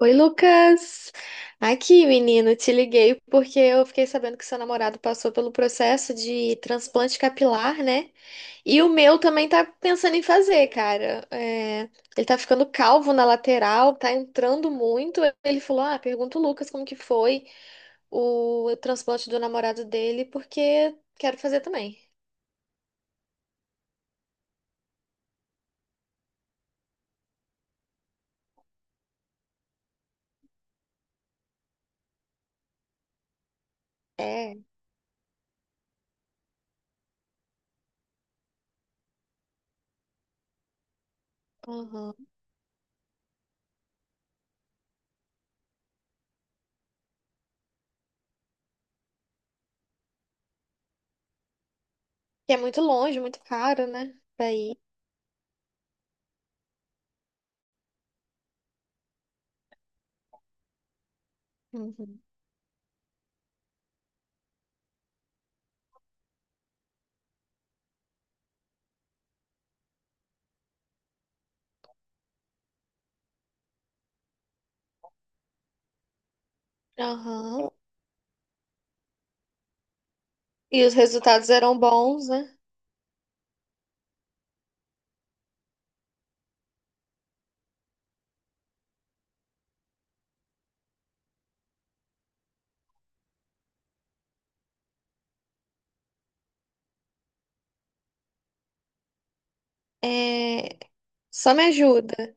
Oi, Lucas. Aqui, menino, te liguei porque eu fiquei sabendo que seu namorado passou pelo processo de transplante capilar, né? E o meu também tá pensando em fazer, cara. É, ele tá ficando calvo na lateral, tá entrando muito. Ele falou: Ah, pergunta o Lucas como que foi o transplante do namorado dele, porque quero fazer também. É, aham. Que é muito longe, muito caro, né? Daí. Uhum. Aham. E os resultados eram bons, né? É. Só me ajuda.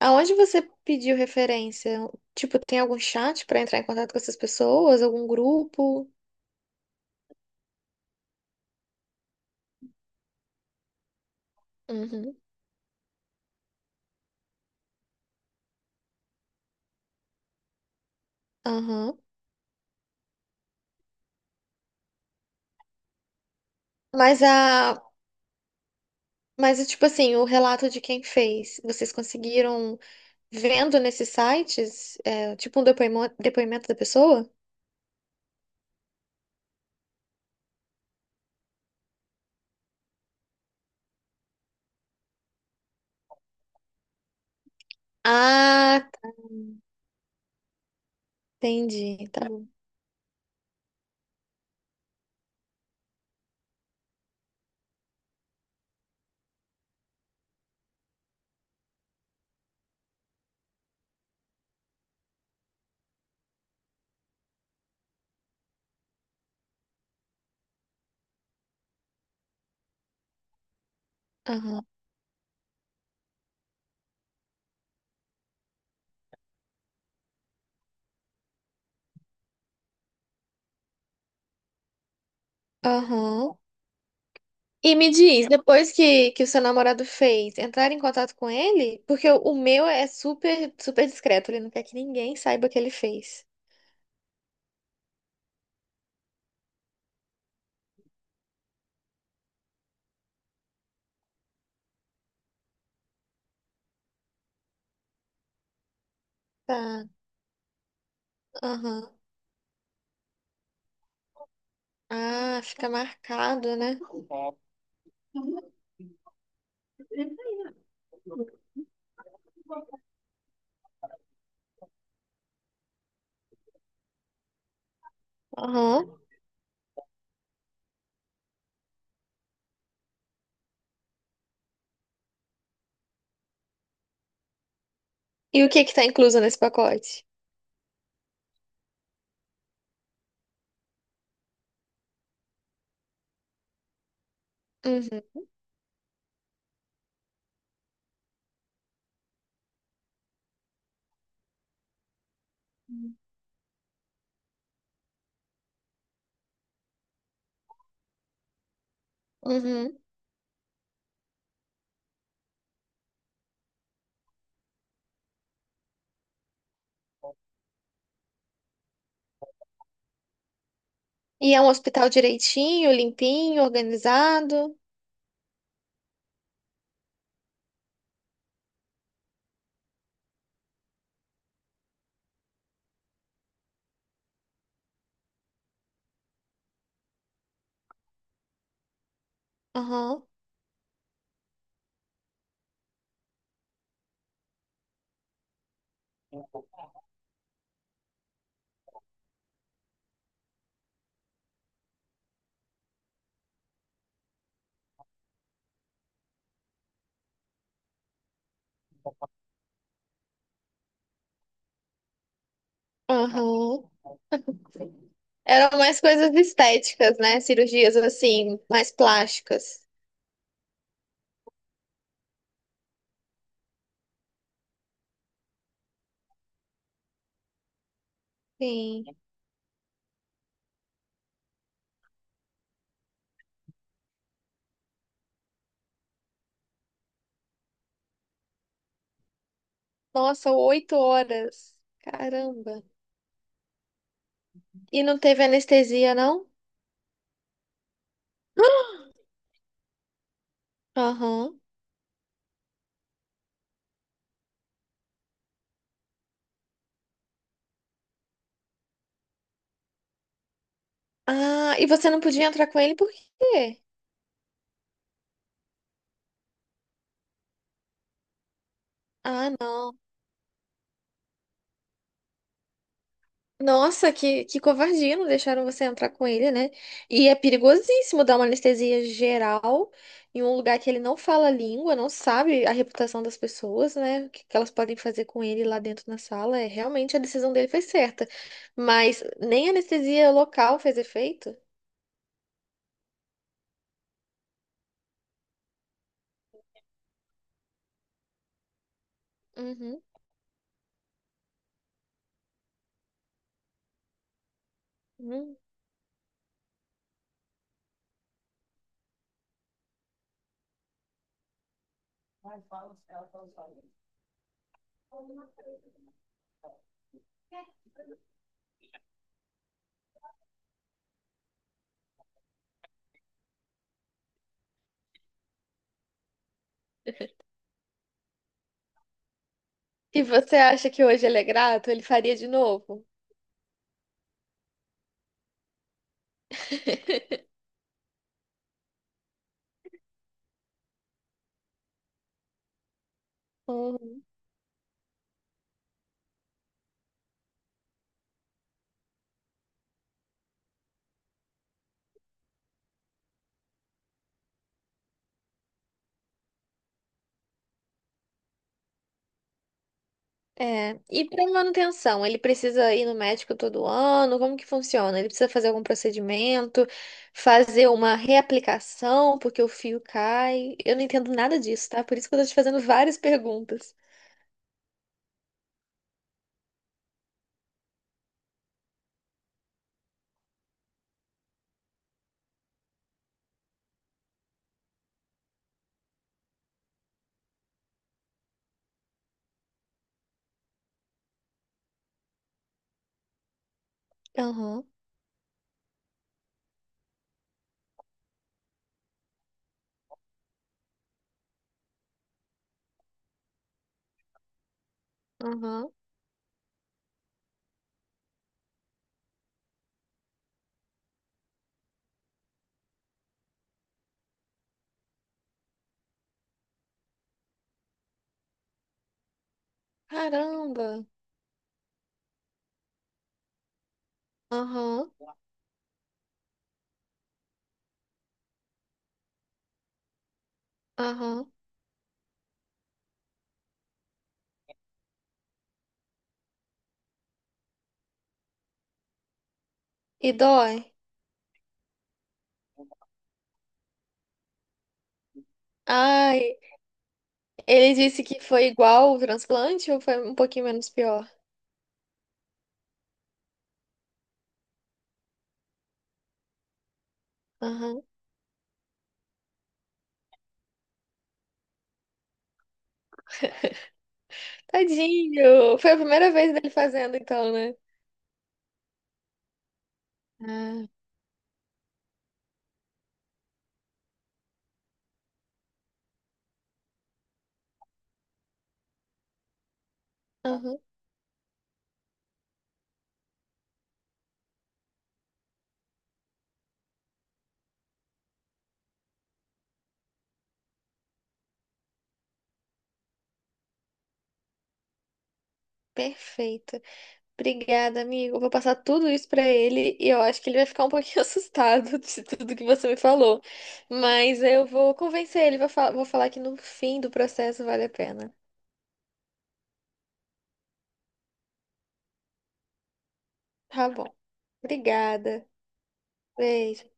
Aonde você pediu referência? Tipo, tem algum chat pra entrar em contato com essas pessoas? Algum grupo? Uhum. Aham. Mas a. Mas, tipo assim, o relato de quem fez, vocês conseguiram vendo nesses sites, é, tipo um depoimento da pessoa? Ah, tá. Entendi. Tá bom. Aham. Aham. E me diz, depois que o seu namorado fez, entrar em contato com ele? Porque o meu é super, super discreto, ele não quer que ninguém saiba o que ele fez. Tá, aham. Ah, fica marcado, né? Aham. E o que que tá incluso nesse pacote? Uhum. Uhum. E é um hospital direitinho, limpinho, organizado? Aham. Aham. Eram mais coisas estéticas, né? Cirurgias assim, mais plásticas. Sim. Nossa, oito horas. Caramba. E não teve anestesia, não? Aham. Ah, e você não podia entrar com ele por quê? Ah, não. Nossa, que covardia, não deixaram você entrar com ele, né? E é perigosíssimo dar uma anestesia geral em um lugar que ele não fala a língua, não sabe a reputação das pessoas, né? O que que elas podem fazer com ele lá dentro na sala. É, realmente a decisão dele foi certa. Mas nem a anestesia local fez efeito. Uhum. Uhum. E você acha que hoje ele é grato? Ele faria de novo? Hum, é. E para manutenção, ele precisa ir no médico todo ano? Como que funciona? Ele precisa fazer algum procedimento, fazer uma reaplicação porque o fio cai? Eu não entendo nada disso, tá? Por isso que eu tô te fazendo várias perguntas. Aham, aham. Caramba. Aham, aham. E dói? Ai, ele disse que foi igual o transplante ou foi um pouquinho menos pior? Aham. Tadinho! Foi a primeira vez dele fazendo, então, né? Ah, aham, perfeito. Obrigada, amigo. Eu vou passar tudo isso pra ele e eu acho que ele vai ficar um pouquinho assustado de tudo que você me falou. Mas eu vou convencer ele, vou falar que no fim do processo vale a pena. Tá bom. Obrigada. Beijo.